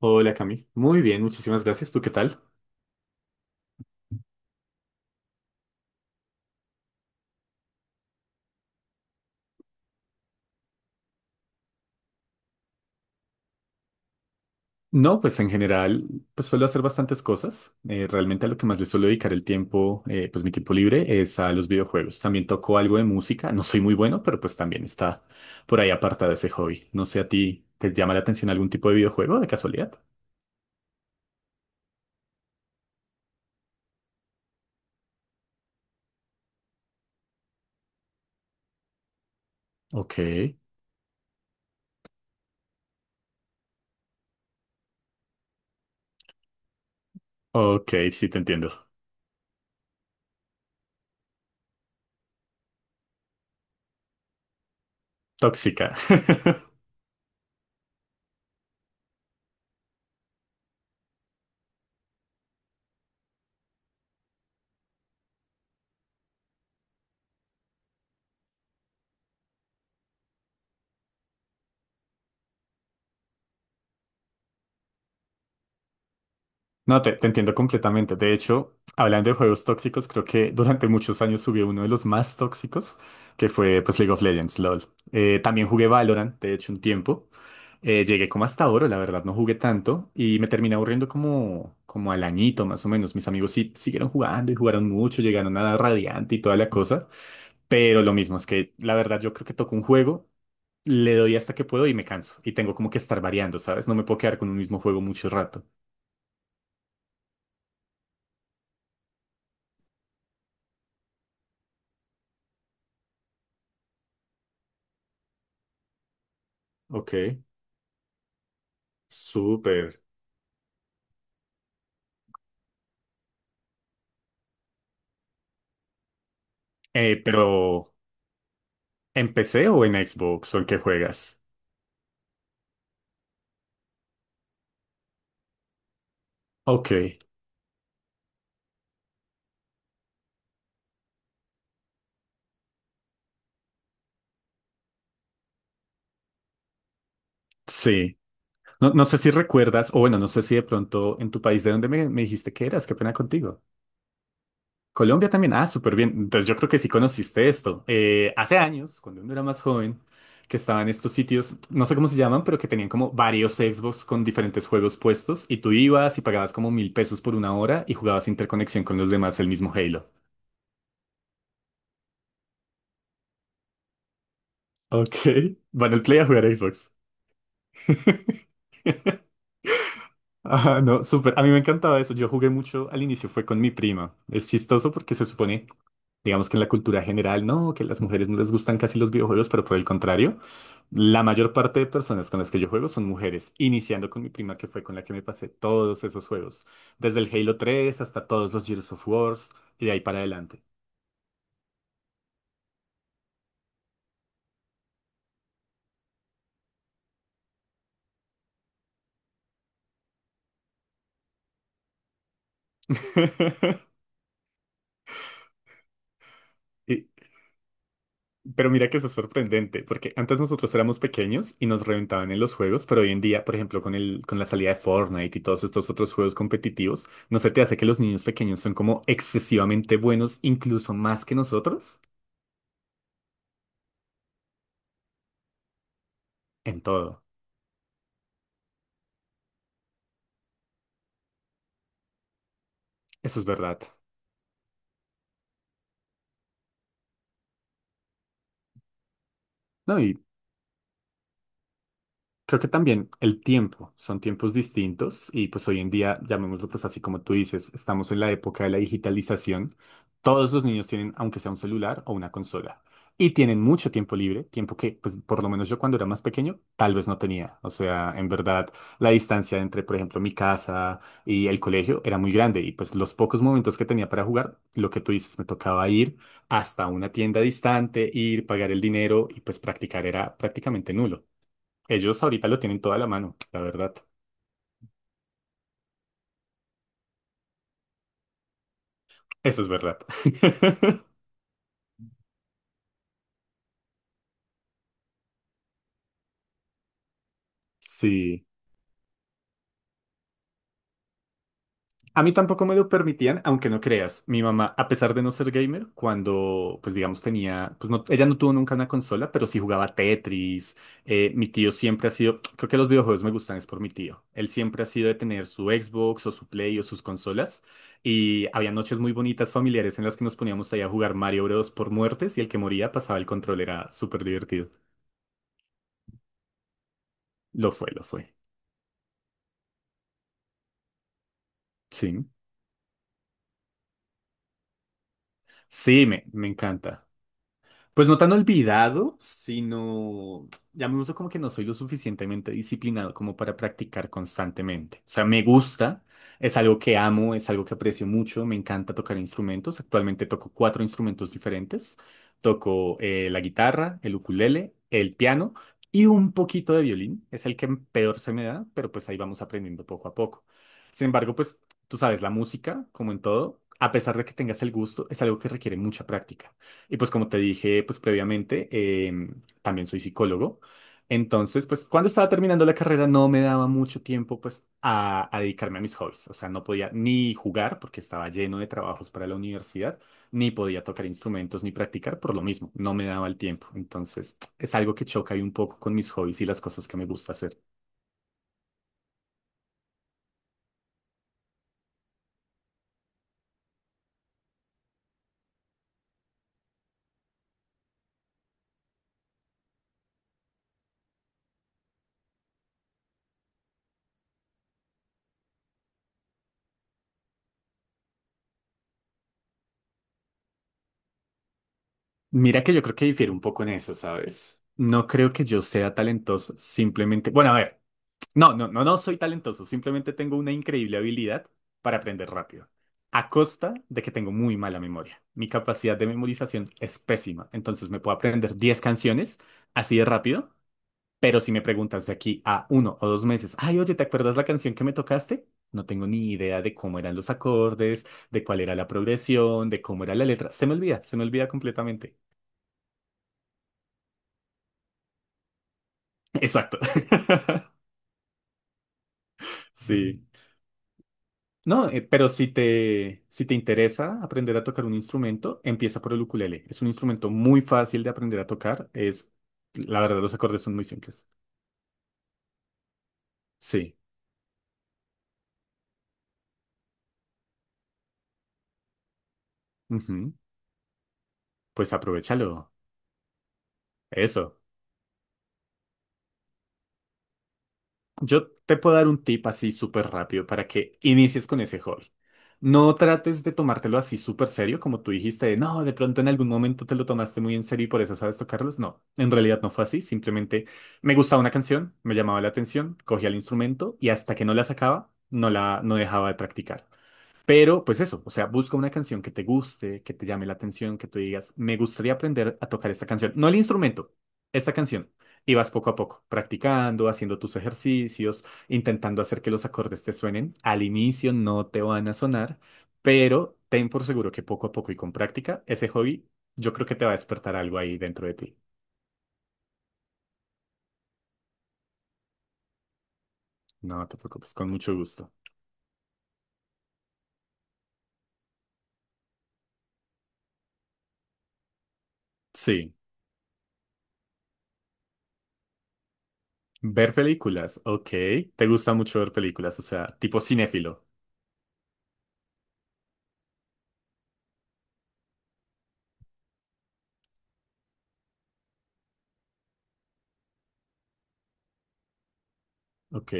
Hola Cami, muy bien, muchísimas gracias. ¿Tú qué tal? No, pues en general, pues suelo hacer bastantes cosas. Realmente a lo que más le suelo dedicar el tiempo, pues mi tiempo libre es a los videojuegos. También toco algo de música, no soy muy bueno, pero pues también está por ahí apartado ese hobby. No sé a ti, ¿te llama la atención algún tipo de videojuego de casualidad? Ok, ok, sí te entiendo. Tóxica. No, te entiendo completamente. De hecho, hablando de juegos tóxicos, creo que durante muchos años jugué uno de los más tóxicos, que fue pues League of Legends, LOL. También jugué Valorant, de hecho, un tiempo. Llegué como hasta oro, la verdad, no jugué tanto y me terminé aburriendo como al añito más o menos. Mis amigos sí siguieron jugando y jugaron mucho, llegaron a Radiante y toda la cosa, pero lo mismo es que la verdad yo creo que toco un juego, le doy hasta que puedo y me canso y tengo como que estar variando, ¿sabes? No me puedo quedar con un mismo juego mucho rato. Ok. Súper. Eh, pero, ¿En PC o en Xbox o en qué juegas? Ok, sí. No, no sé si recuerdas, o bueno, no sé si de pronto en tu país de donde me dijiste que eras, qué pena contigo. Colombia también, ah, súper bien. Entonces yo creo que sí conociste esto. Hace años, cuando uno era más joven, que estaban estos sitios, no sé cómo se llaman, pero que tenían como varios Xbox con diferentes juegos puestos y tú ibas y pagabas como mil pesos por una hora y jugabas interconexión con los demás el mismo Halo. Ok, van al play a jugar Xbox. Ajá, no, súper. A mí me encantaba eso. Yo jugué mucho al inicio, fue con mi prima. Es chistoso porque se supone, digamos que en la cultura general, no, que las mujeres no les gustan casi los videojuegos, pero por el contrario, la mayor parte de personas con las que yo juego son mujeres, iniciando con mi prima que fue con la que me pasé todos esos juegos, desde el Halo tres hasta todos los Gears of Wars y de ahí para adelante. Y, Pero mira que eso es sorprendente, porque antes nosotros éramos pequeños y nos reventaban en los juegos, pero hoy en día, por ejemplo, con la salida de Fortnite y todos estos otros juegos competitivos, ¿no se te hace que los niños pequeños son como excesivamente buenos, incluso más que nosotros? En todo. Eso es verdad. No, y Creo que también el tiempo, son tiempos distintos y pues hoy en día, llamémoslo pues así como tú dices, estamos en la época de la digitalización. Todos los niños tienen, aunque sea un celular o una consola, y tienen mucho tiempo libre, tiempo que pues por lo menos yo cuando era más pequeño tal vez no tenía. O sea, en verdad la distancia entre, por ejemplo, mi casa y el colegio era muy grande y pues los pocos momentos que tenía para jugar, lo que tú dices, me tocaba ir hasta una tienda distante, ir, pagar el dinero y pues practicar era prácticamente nulo. Ellos ahorita lo tienen toda la mano, la verdad. Eso es verdad. Sí. A mí tampoco me lo permitían, aunque no creas. Mi mamá, a pesar de no ser gamer, cuando, pues digamos, tenía, pues no, ella no tuvo nunca una consola, pero sí jugaba Tetris. Mi tío siempre ha sido, creo que los videojuegos me gustan, es por mi tío. Él siempre ha sido de tener su Xbox o su Play o sus consolas. Y había noches muy bonitas familiares en las que nos poníamos ahí a jugar Mario Bros. Por muertes y el que moría pasaba el control, era súper divertido. Lo fue, lo fue. Sí. Sí, me encanta. Pues no tan olvidado, sino ya me gusta como que no soy lo suficientemente disciplinado como para practicar constantemente. O sea, me gusta, es algo que amo, es algo que aprecio mucho, me encanta tocar instrumentos. Actualmente toco cuatro instrumentos diferentes. Toco la guitarra, el ukulele, el piano y un poquito de violín. Es el que peor se me da, pero pues ahí vamos aprendiendo poco a poco. Sin embargo, pues tú sabes, la música, como en todo, a pesar de que tengas el gusto, es algo que requiere mucha práctica. Y pues como te dije pues previamente, también soy psicólogo. Entonces, pues cuando estaba terminando la carrera no me daba mucho tiempo pues a dedicarme a mis hobbies. O sea, no podía ni jugar porque estaba lleno de trabajos para la universidad, ni podía tocar instrumentos ni practicar por lo mismo. No me daba el tiempo. Entonces, es algo que choca ahí un poco con mis hobbies y las cosas que me gusta hacer. Mira que yo creo que difiere un poco en eso, ¿sabes? No creo que yo sea talentoso, simplemente, bueno, a ver. No, soy talentoso, simplemente tengo una increíble habilidad para aprender rápido, a costa de que tengo muy mala memoria. Mi capacidad de memorización es pésima, entonces me puedo aprender 10 canciones así de rápido, pero si me preguntas de aquí a uno o dos meses, ay, oye, ¿te acuerdas la canción que me tocaste? No tengo ni idea de cómo eran los acordes, de cuál era la progresión, de cómo era la letra. Se me olvida completamente. Exacto. Sí. No, pero si te interesa aprender a tocar un instrumento, empieza por el ukulele. Es un instrumento muy fácil de aprender a tocar. Es, la verdad, los acordes son muy simples. Sí. Ujú. Pues aprovéchalo. Eso. Yo te puedo dar un tip así súper rápido para que inicies con ese hobby. No trates de tomártelo así súper serio, como tú dijiste, de, no, de pronto en algún momento te lo tomaste muy en serio y por eso sabes tocarlos. No, en realidad no fue así. Simplemente me gustaba una canción, me llamaba la atención, cogía el instrumento y hasta que no la sacaba, no dejaba de practicar. Pero, pues eso, o sea, busca una canción que te guste, que te llame la atención, que tú digas, me gustaría aprender a tocar esta canción. No el instrumento, esta canción. Y vas poco a poco, practicando, haciendo tus ejercicios, intentando hacer que los acordes te suenen. Al inicio no te van a sonar, pero ten por seguro que poco a poco y con práctica, ese hobby, yo creo que te va a despertar algo ahí dentro de ti. No te preocupes, con mucho gusto. Sí, ver películas, ok. Te gusta mucho ver películas, o sea, tipo cinéfilo, ok.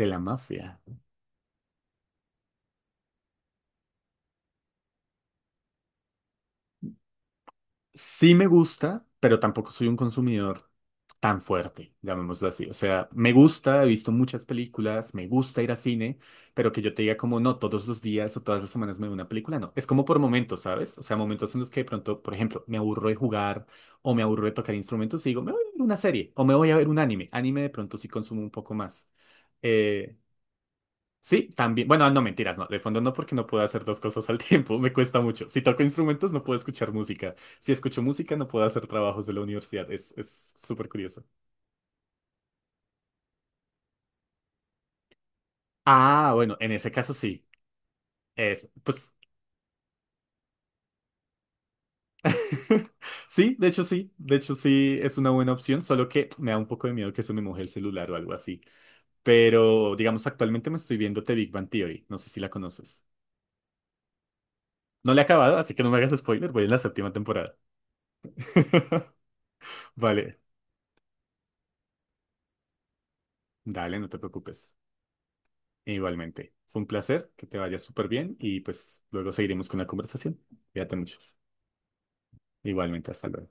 De la mafia. Sí me gusta, pero tampoco soy un consumidor tan fuerte, llamémoslo así. O sea, me gusta, he visto muchas películas, me gusta ir a cine, pero que yo te diga como no, todos los días o todas las semanas me veo una película, no. Es como por momentos, ¿sabes? O sea, momentos en los que de pronto, por ejemplo, me aburro de jugar o me aburro de tocar instrumentos y digo, me voy a ver una serie o me voy a ver un anime. Anime de pronto sí consumo un poco más. Eh, Sí, también. Bueno, no mentiras, no. De fondo no, porque no puedo hacer dos cosas al tiempo. Me cuesta mucho. Si toco instrumentos, no puedo escuchar música. Si escucho música, no puedo hacer trabajos de la universidad. Es súper curioso. Ah, bueno, en ese caso sí. Es, pues. Sí, de hecho sí. De hecho sí es una buena opción, solo que me da un poco de miedo que se me moje el celular o algo así. Pero, digamos, actualmente me estoy viendo The Big Bang Theory. No sé si la conoces. No la he acabado, así que no me hagas spoiler. Voy en la séptima temporada. Vale, dale, no te preocupes. Igualmente, fue un placer, que te vaya súper bien y pues luego seguiremos con la conversación. Cuídate mucho. Igualmente, hasta luego.